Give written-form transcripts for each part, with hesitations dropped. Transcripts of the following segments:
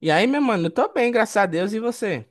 E aí, meu mano, eu tô bem, graças a Deus, e você?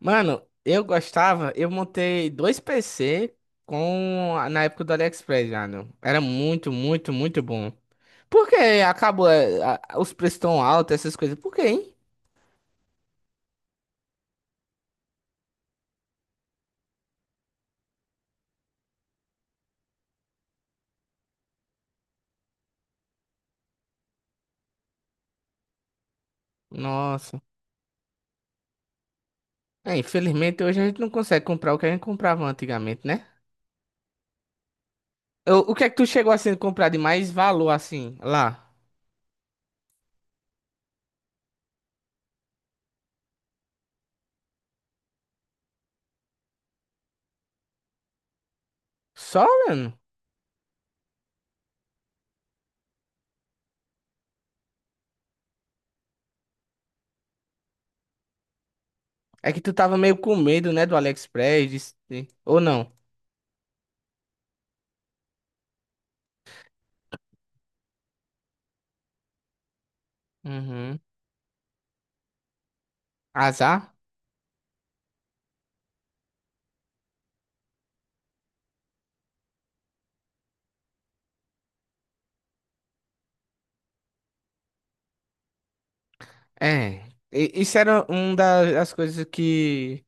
Mano, eu gostava, eu montei dois PC com na época do AliExpress já, né? Era muito, muito, muito bom. Por que acabou os preços tão altos, essas coisas? Por quê, hein? Nossa. É, infelizmente hoje a gente não consegue comprar o que a gente comprava antigamente, né? O que é que tu chegou assim a comprar de mais valor assim lá? Só, mano? É que tu tava meio com medo, né, do AliExpress, ou não? Uhum. Azar? É, isso era uma das coisas que,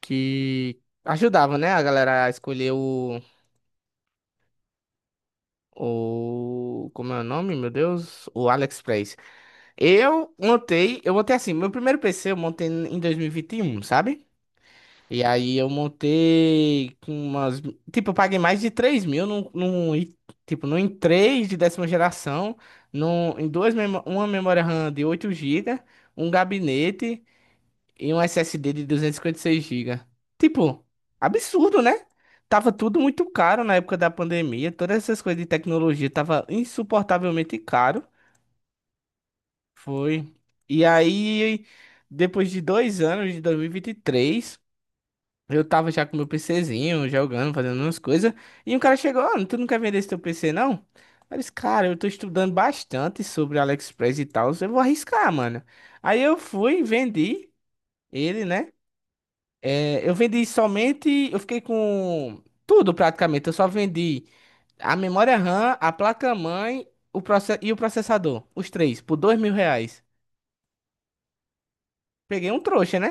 que ajudava, né, a galera a escolher o, como é o nome, meu Deus? O AliExpress. Eu montei assim, meu primeiro PC eu montei em dois mil e vinte e um, sabe? E aí eu montei com umas, tipo, eu paguei mais de 3 mil num i3 de 10ª geração, num, em duas, memo- uma memória RAM de 8 GB, um gabinete, e um SSD de duzentos e cinquenta e seis GB. Tipo, absurdo, né? Tava tudo muito caro na época da pandemia, todas essas coisas de tecnologia tava insuportavelmente caro. Foi. E aí, depois de 2 anos, de dois mil e vinte e três eu tava já com meu PCzinho, jogando, fazendo umas coisas. E um cara chegou, ó, tu não quer vender esse teu PC, não? Eu disse, cara, eu tô estudando bastante sobre AliExpress e tal, eu vou arriscar, mano. Aí eu fui, vendi ele, né? É, eu vendi somente. Eu fiquei com tudo praticamente. Eu só vendi a memória RAM, a placa-mãe e o processador. Os três, por R$ 2.000. Peguei um trouxa, né?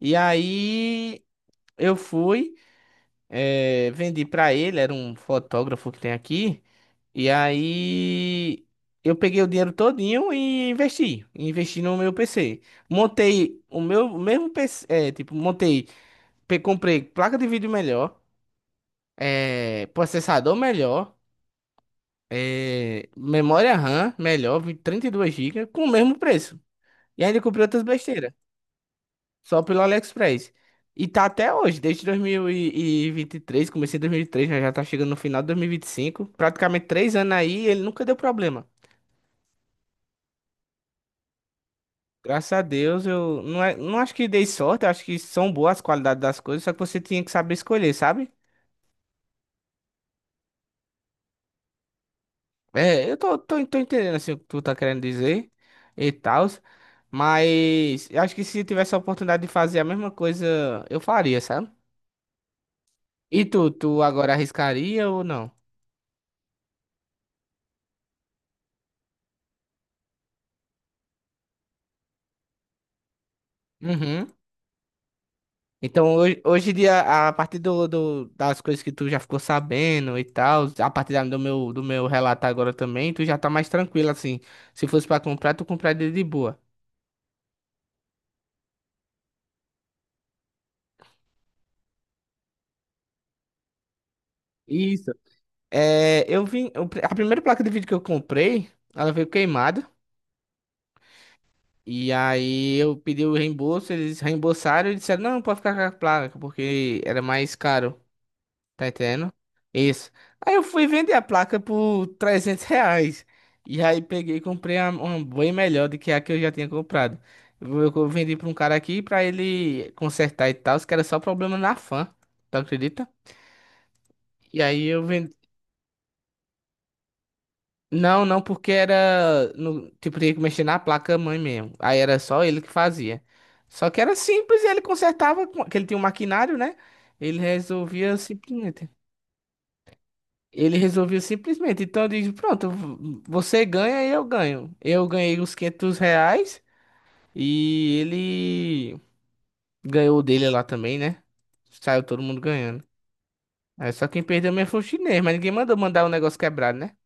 E aí eu fui, vendi pra ele, era um fotógrafo que tem aqui. E aí eu peguei o dinheiro todinho e investi. Investi no meu PC. Montei o meu o mesmo PC, montei, comprei placa de vídeo melhor, processador melhor, memória RAM melhor, 32 GB, com o mesmo preço. E ainda comprei outras besteiras, só pelo AliExpress. E tá até hoje, desde 2023, comecei em 2023, já já tá chegando no final de 2025, praticamente 3 anos aí, e ele nunca deu problema. Graças a Deus, eu não, é- não acho que dei sorte, eu acho que são boas as qualidades das coisas, só que você tinha que saber escolher, sabe? É, eu tô entendendo assim, o que tu tá querendo dizer e tal, mas eu acho que se tivesse a oportunidade de fazer a mesma coisa, eu faria, sabe? E tu agora arriscaria ou não? Uhum. Então, hoje em dia, a partir do das coisas que tu já ficou sabendo e tal, a partir do meu relato agora também, tu já tá mais tranquilo, assim. Se fosse pra comprar, tu compraria de boa. Isso. É, a primeira placa de vídeo que eu comprei, ela veio queimada. E aí eu pedi o reembolso, eles reembolsaram e disseram, não, pode ficar com a placa, porque era mais caro, tá entendendo? Isso. Aí eu fui vender a placa por R$ 300. E aí peguei e comprei uma bem melhor do que a que eu já tinha comprado. Eu vendi pra um cara aqui pra ele consertar e tal, que era só problema na fan, tu acredita? E aí eu Não, não, porque era. No, Tipo, tinha que mexer na placa-mãe mesmo. Aí era só ele que fazia. Só que era simples, ele consertava, que ele tinha um maquinário, né? Ele resolvia simplesmente. Ele resolvia simplesmente. Então eu disse, pronto, você ganha e eu ganho. Eu ganhei os R$ 500 e ele ganhou o dele lá também, né? Saiu todo mundo ganhando. Aí só quem perdeu mesmo foi o chinês, mas ninguém mandou mandar o negócio quebrado, né?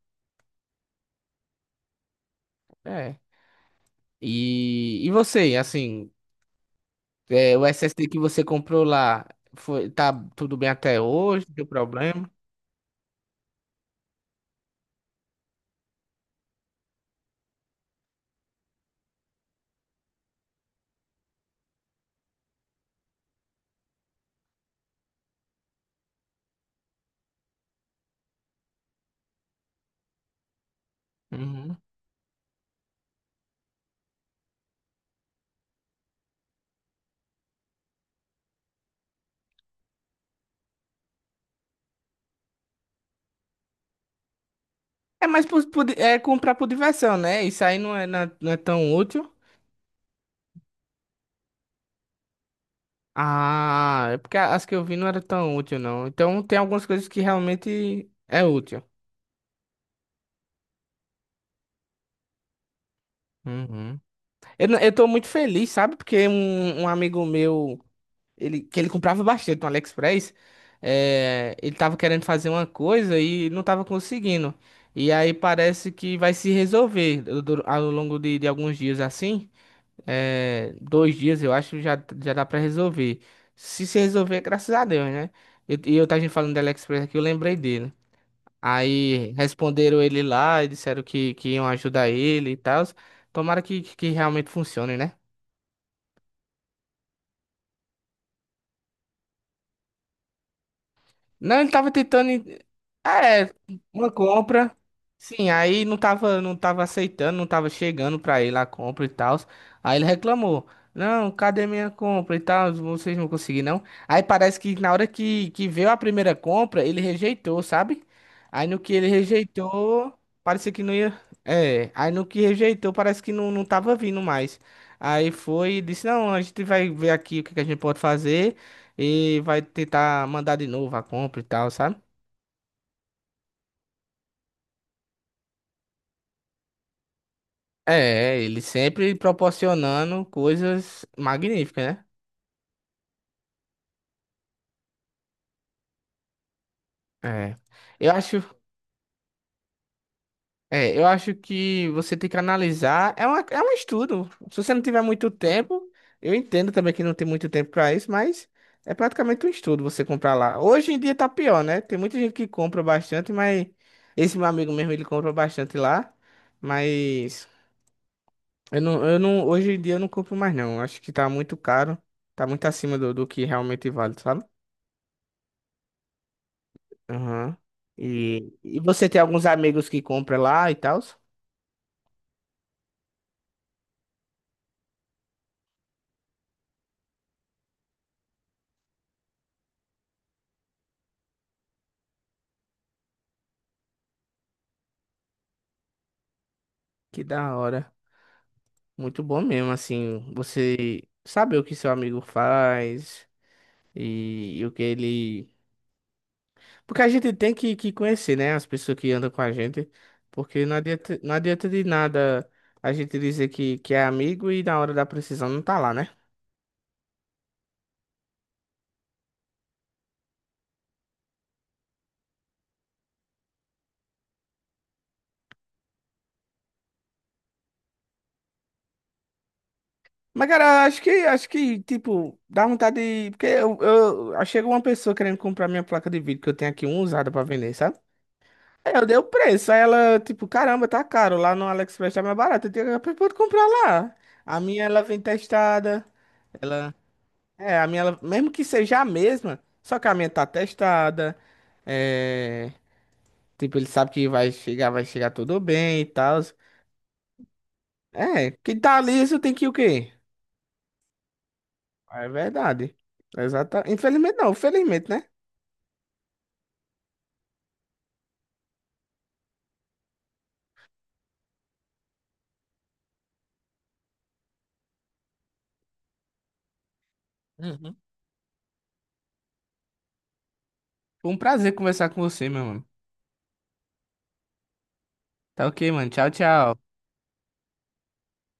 É. E você, assim. É, o SSD que você comprou lá, foi, tá tudo bem até hoje? Deu problema? Uhum. É mais é comprar por diversão, né? Isso aí não é, não é tão útil. Ah, é porque as que eu vi não era tão útil, não. Então tem algumas coisas que realmente é útil. Uhum. Eu, não- eu tô muito feliz, sabe? Porque um amigo meu, ele, que ele comprava bastante no AliExpress, é, ele tava querendo fazer uma coisa e não tava conseguindo. E aí parece que vai se resolver ao longo de alguns dias assim. 2 dias eu acho, já já dá pra resolver. Se resolver, graças a Deus, né? E eu, tava gente falando do AliExpress aqui, eu lembrei dele. Aí responderam ele lá e disseram que iam ajudar ele e tal. Tomara que realmente funcione, né? Não, ele tava tentando. É, uma compra. Sim, aí não tava aceitando, não tava chegando pra ele a compra e tal. Aí ele reclamou. Não, cadê minha compra e tal? Vocês não conseguiram, não. Aí parece que na hora que veio a primeira compra, ele rejeitou, sabe? Aí no que ele rejeitou, parecia que não ia. É, aí no que rejeitou, parece que não tava vindo mais. Aí foi e disse: Não, a gente vai ver aqui o que que a gente pode fazer e vai tentar mandar de novo a compra e tal, sabe? É, ele sempre proporcionando coisas magníficas, né? É. Eu acho, eu acho que você tem que analisar. É, é um estudo. Se você não tiver muito tempo, eu entendo também que não tem muito tempo pra isso, mas é praticamente um estudo você comprar lá. Hoje em dia tá pior, né? Tem muita gente que compra bastante, mas esse meu amigo mesmo, ele compra bastante lá. Mas eu não, hoje em dia eu não compro mais não. Acho que tá muito caro. Tá muito acima do que realmente vale, sabe? Aham. E você tem alguns amigos que compra lá e tal? Que da hora. Muito bom mesmo, assim, você saber o que seu amigo faz e o que ele. Porque a gente tem que conhecer, né? As pessoas que andam com a gente. Porque não adianta, não adianta de nada a gente dizer que é amigo e na hora da precisão não tá lá, né? Mas, cara, acho que, tipo, dá vontade de... Porque aí chega uma pessoa querendo comprar minha placa de vídeo, que eu tenho aqui uma usada pra vender, sabe? Aí eu dei o preço, aí ela, tipo, caramba, tá caro, lá no AliExpress tá mais barato, eu tenho que pode comprar lá. A minha, ela vem testada, ela... É, a minha, ela, mesmo que seja a mesma, só que a minha tá testada, é... Tipo, ele sabe que vai chegar tudo bem e tal. É, que tá liso tem que o quê? É verdade. Exata. Infelizmente não, felizmente, né? Uhum. Foi um prazer conversar com você, meu mano. Tá ok, mano. Tchau, tchau.